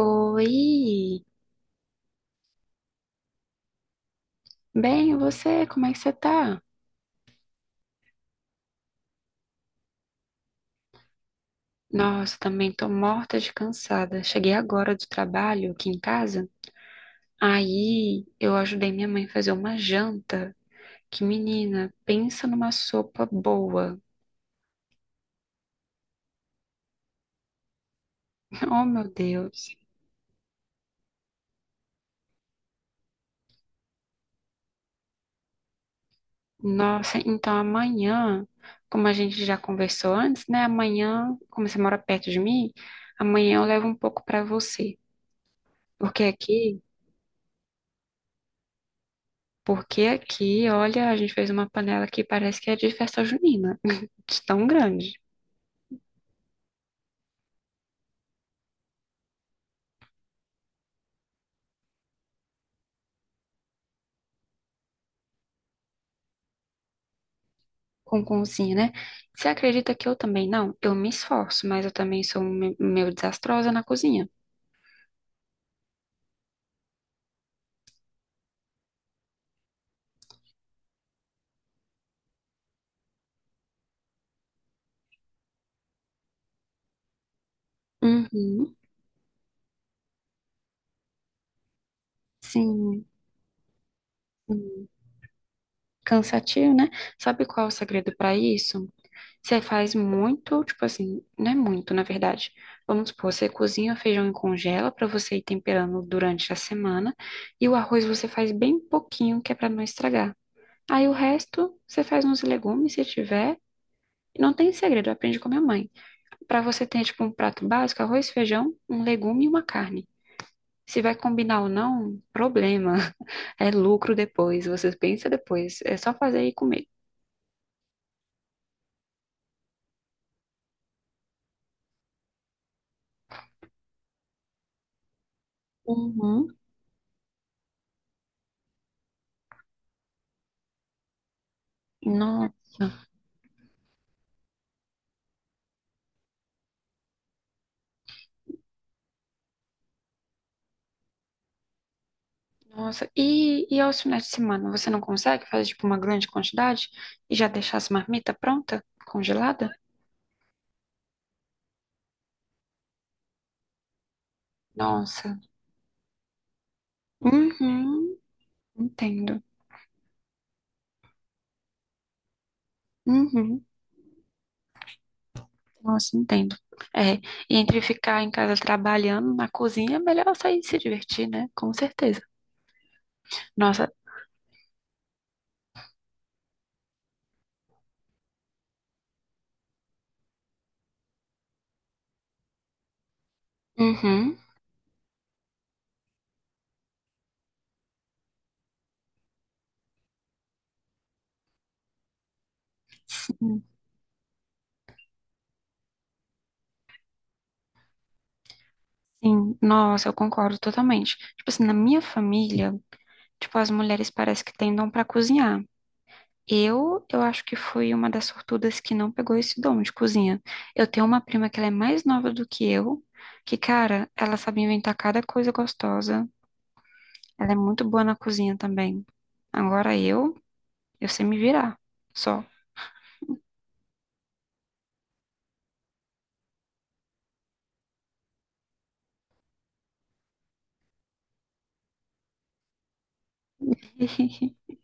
Oi, bem, e você, como é que você tá? Nossa, também tô morta de cansada. Cheguei agora do trabalho aqui em casa, aí eu ajudei minha mãe a fazer uma janta. Que menina, pensa numa sopa boa. Oh, meu Deus. Nossa, então amanhã, como a gente já conversou antes, né? Amanhã, como você mora perto de mim, amanhã eu levo um pouco pra você. Porque aqui Porque aqui, olha, a gente fez uma panela que parece que é de festa junina, de tão grande, com concinha, né? Você acredita que eu também não? Eu me esforço, mas eu também sou um meio desastrosa na cozinha. Uhum, sim, sim. Cansativo, né? Sabe qual é o segredo para isso? Você faz muito, tipo assim, não é muito, na verdade. Vamos supor, você cozinha o feijão e congela para você ir temperando durante a semana, e o arroz você faz bem pouquinho, que é para não estragar. Aí o resto, você faz uns legumes, se tiver. E não tem segredo, aprende com a minha mãe. Pra você ter, tipo, um prato básico, arroz, feijão, um legume e uma carne. Se vai combinar ou não, problema. É lucro depois, você pensa depois. É só fazer e comer. Uhum. Nossa. Nossa, e aos finais de semana, você não consegue fazer, tipo, uma grande quantidade e já deixar as marmitas pronta, congelada? Nossa. Uhum, entendo. Uhum. Nossa, entendo. É, e entre ficar em casa trabalhando na cozinha, é melhor sair e se divertir, né? Com certeza. Nossa, uhum, sim, sim, nossa, eu concordo totalmente. Tipo assim, na minha família, tipo, as mulheres parece que têm dom pra cozinhar. Eu acho que fui uma das sortudas que não pegou esse dom de cozinha. Eu tenho uma prima que ela é mais nova do que eu, que, cara, ela sabe inventar cada coisa gostosa. Ela é muito boa na cozinha também. Agora eu sei me virar. Só.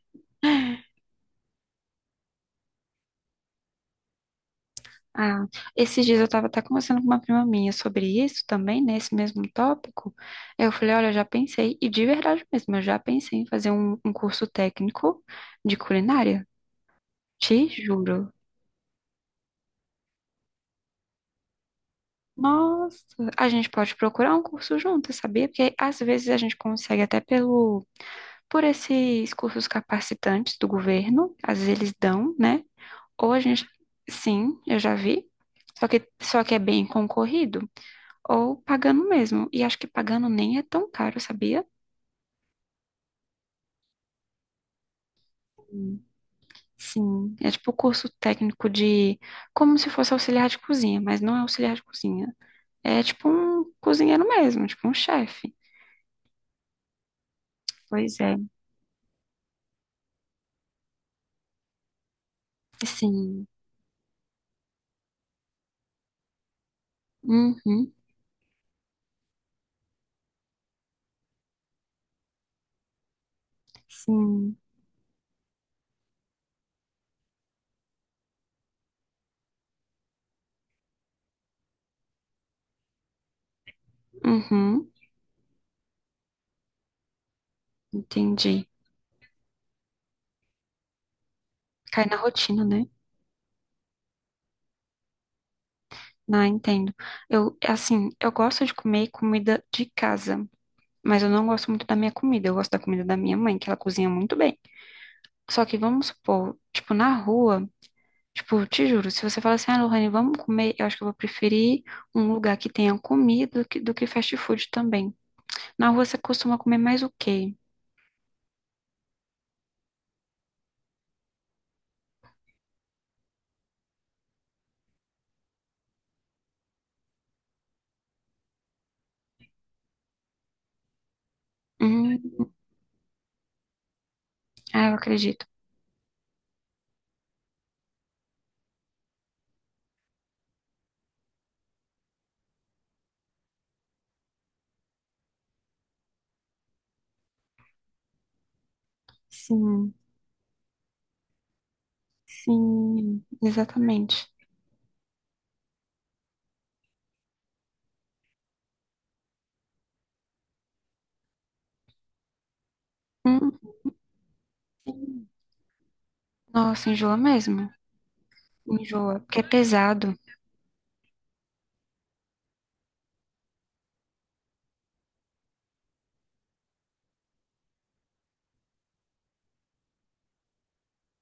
Ah, esses dias eu estava até conversando com uma prima minha sobre isso também, nesse mesmo tópico. Eu falei, olha, eu já pensei, e de verdade mesmo, eu já pensei em fazer um curso técnico de culinária. Te juro. Nossa, a gente pode procurar um curso junto, sabia? Porque às vezes a gente consegue até pelo, por esses cursos capacitantes do governo, às vezes eles dão, né? Ou a gente, sim, eu já vi, só que é bem concorrido. Ou pagando mesmo. E acho que pagando nem é tão caro, sabia? Hum. Sim, é tipo curso técnico de como se fosse auxiliar de cozinha, mas não é auxiliar de cozinha. É tipo um cozinheiro mesmo, tipo um chefe. Pois é. Sim. Uhum. Sim. Uhum. Entendi. Cai na rotina, né? Não, entendo. Eu, assim, eu gosto de comer comida de casa, mas eu não gosto muito da minha comida. Eu gosto da comida da minha mãe, que ela cozinha muito bem. Só que vamos supor, tipo, na rua. Tipo, te juro, se você falar assim, ah, Lohane, vamos comer, eu acho que eu vou preferir um lugar que tenha comida do que fast food também. Na rua você costuma comer mais o quê? Hum, ah, eu acredito. Sim, sim, exatamente. Hum, sim. Nossa, enjoa mesmo. Enjoa, porque é pesado.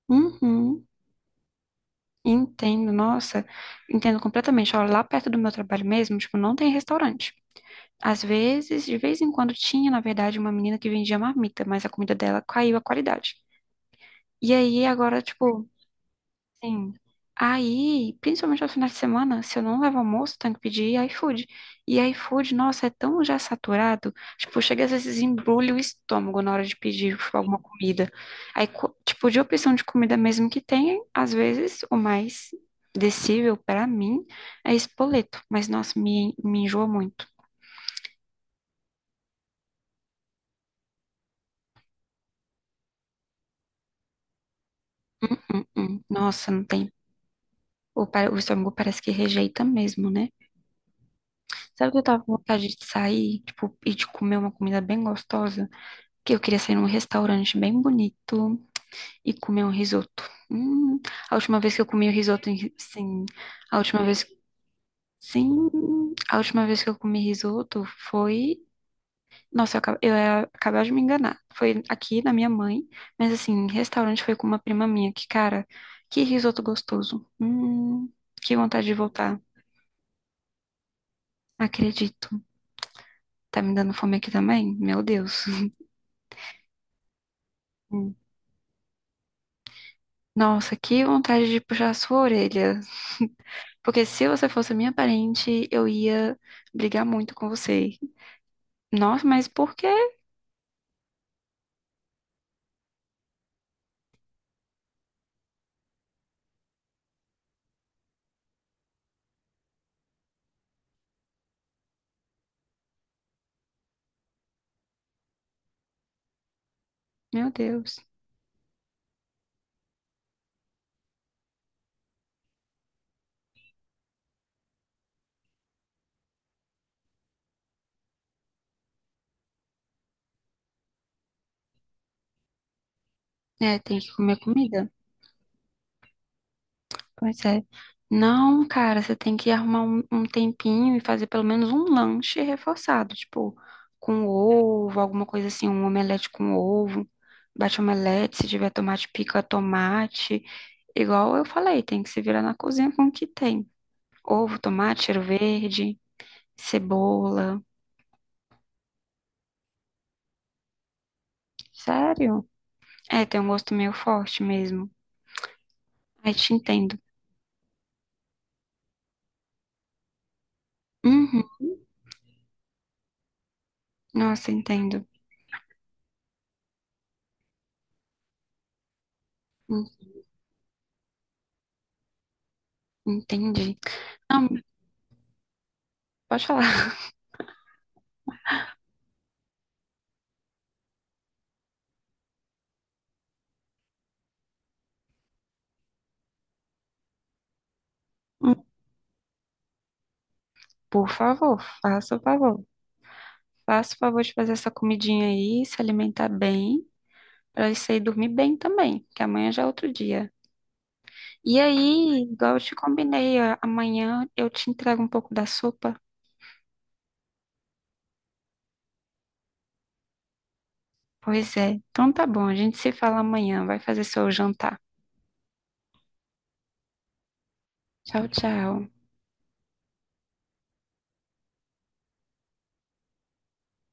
Uhum, entendo, nossa, entendo completamente. Olha, lá perto do meu trabalho mesmo, tipo, não tem restaurante. Às vezes, de vez em quando tinha, na verdade, uma menina que vendia marmita, mas a comida dela caiu a qualidade. E aí agora, tipo, sim. Aí, principalmente aos finais de semana, se eu não levo almoço, tenho que pedir iFood. E iFood, nossa, é tão já saturado. Tipo, chega às vezes embrulha o estômago na hora de pedir tipo, alguma comida. Tipo, de opção de comida mesmo que tem, às vezes o mais decível pra mim é espoleto. Mas, nossa, me enjoa muito. Hum, hum. Hum. Nossa, não tem. O, o estômago parece que rejeita mesmo, né? Sabe que eu tava com vontade de sair, tipo, e de comer uma comida bem gostosa? Que eu queria sair num restaurante bem bonito e comer um risoto. Hum, a última vez que eu comi o risoto, sim, a última vez, sim, a última vez que eu comi risoto foi, nossa, eu ia acabar de me enganar. Foi aqui na minha mãe, mas assim, restaurante foi com uma prima minha, que cara, que risoto gostoso. Que vontade de voltar. Acredito. Tá me dando fome aqui também? Meu Deus. Hum. Nossa, que vontade de puxar a sua orelha. Porque se você fosse minha parente, eu ia brigar muito com você. Nossa, mas por quê? Meu Deus. É, tem que comer comida. Pois é. Não, cara, você tem que arrumar um tempinho e fazer pelo menos um lanche reforçado, tipo, com ovo, alguma coisa assim, um omelete com ovo, bate omelete, se tiver tomate, pica tomate. Igual eu falei, tem que se virar na cozinha com o que tem. Ovo, tomate, cheiro verde, cebola. Sério? É, tem um gosto meio forte mesmo. Aí te entendo. Uhum. Nossa, entendo. Hum, Entendi. Não, pode falar. Por favor, faça o favor. Faça o favor de fazer essa comidinha aí, se alimentar bem, para isso aí dormir bem também, que amanhã já é outro dia. E aí, igual eu te combinei, ó, amanhã eu te entrego um pouco da sopa. Pois é. Então tá bom, a gente se fala amanhã. Vai fazer seu jantar. Tchau, tchau.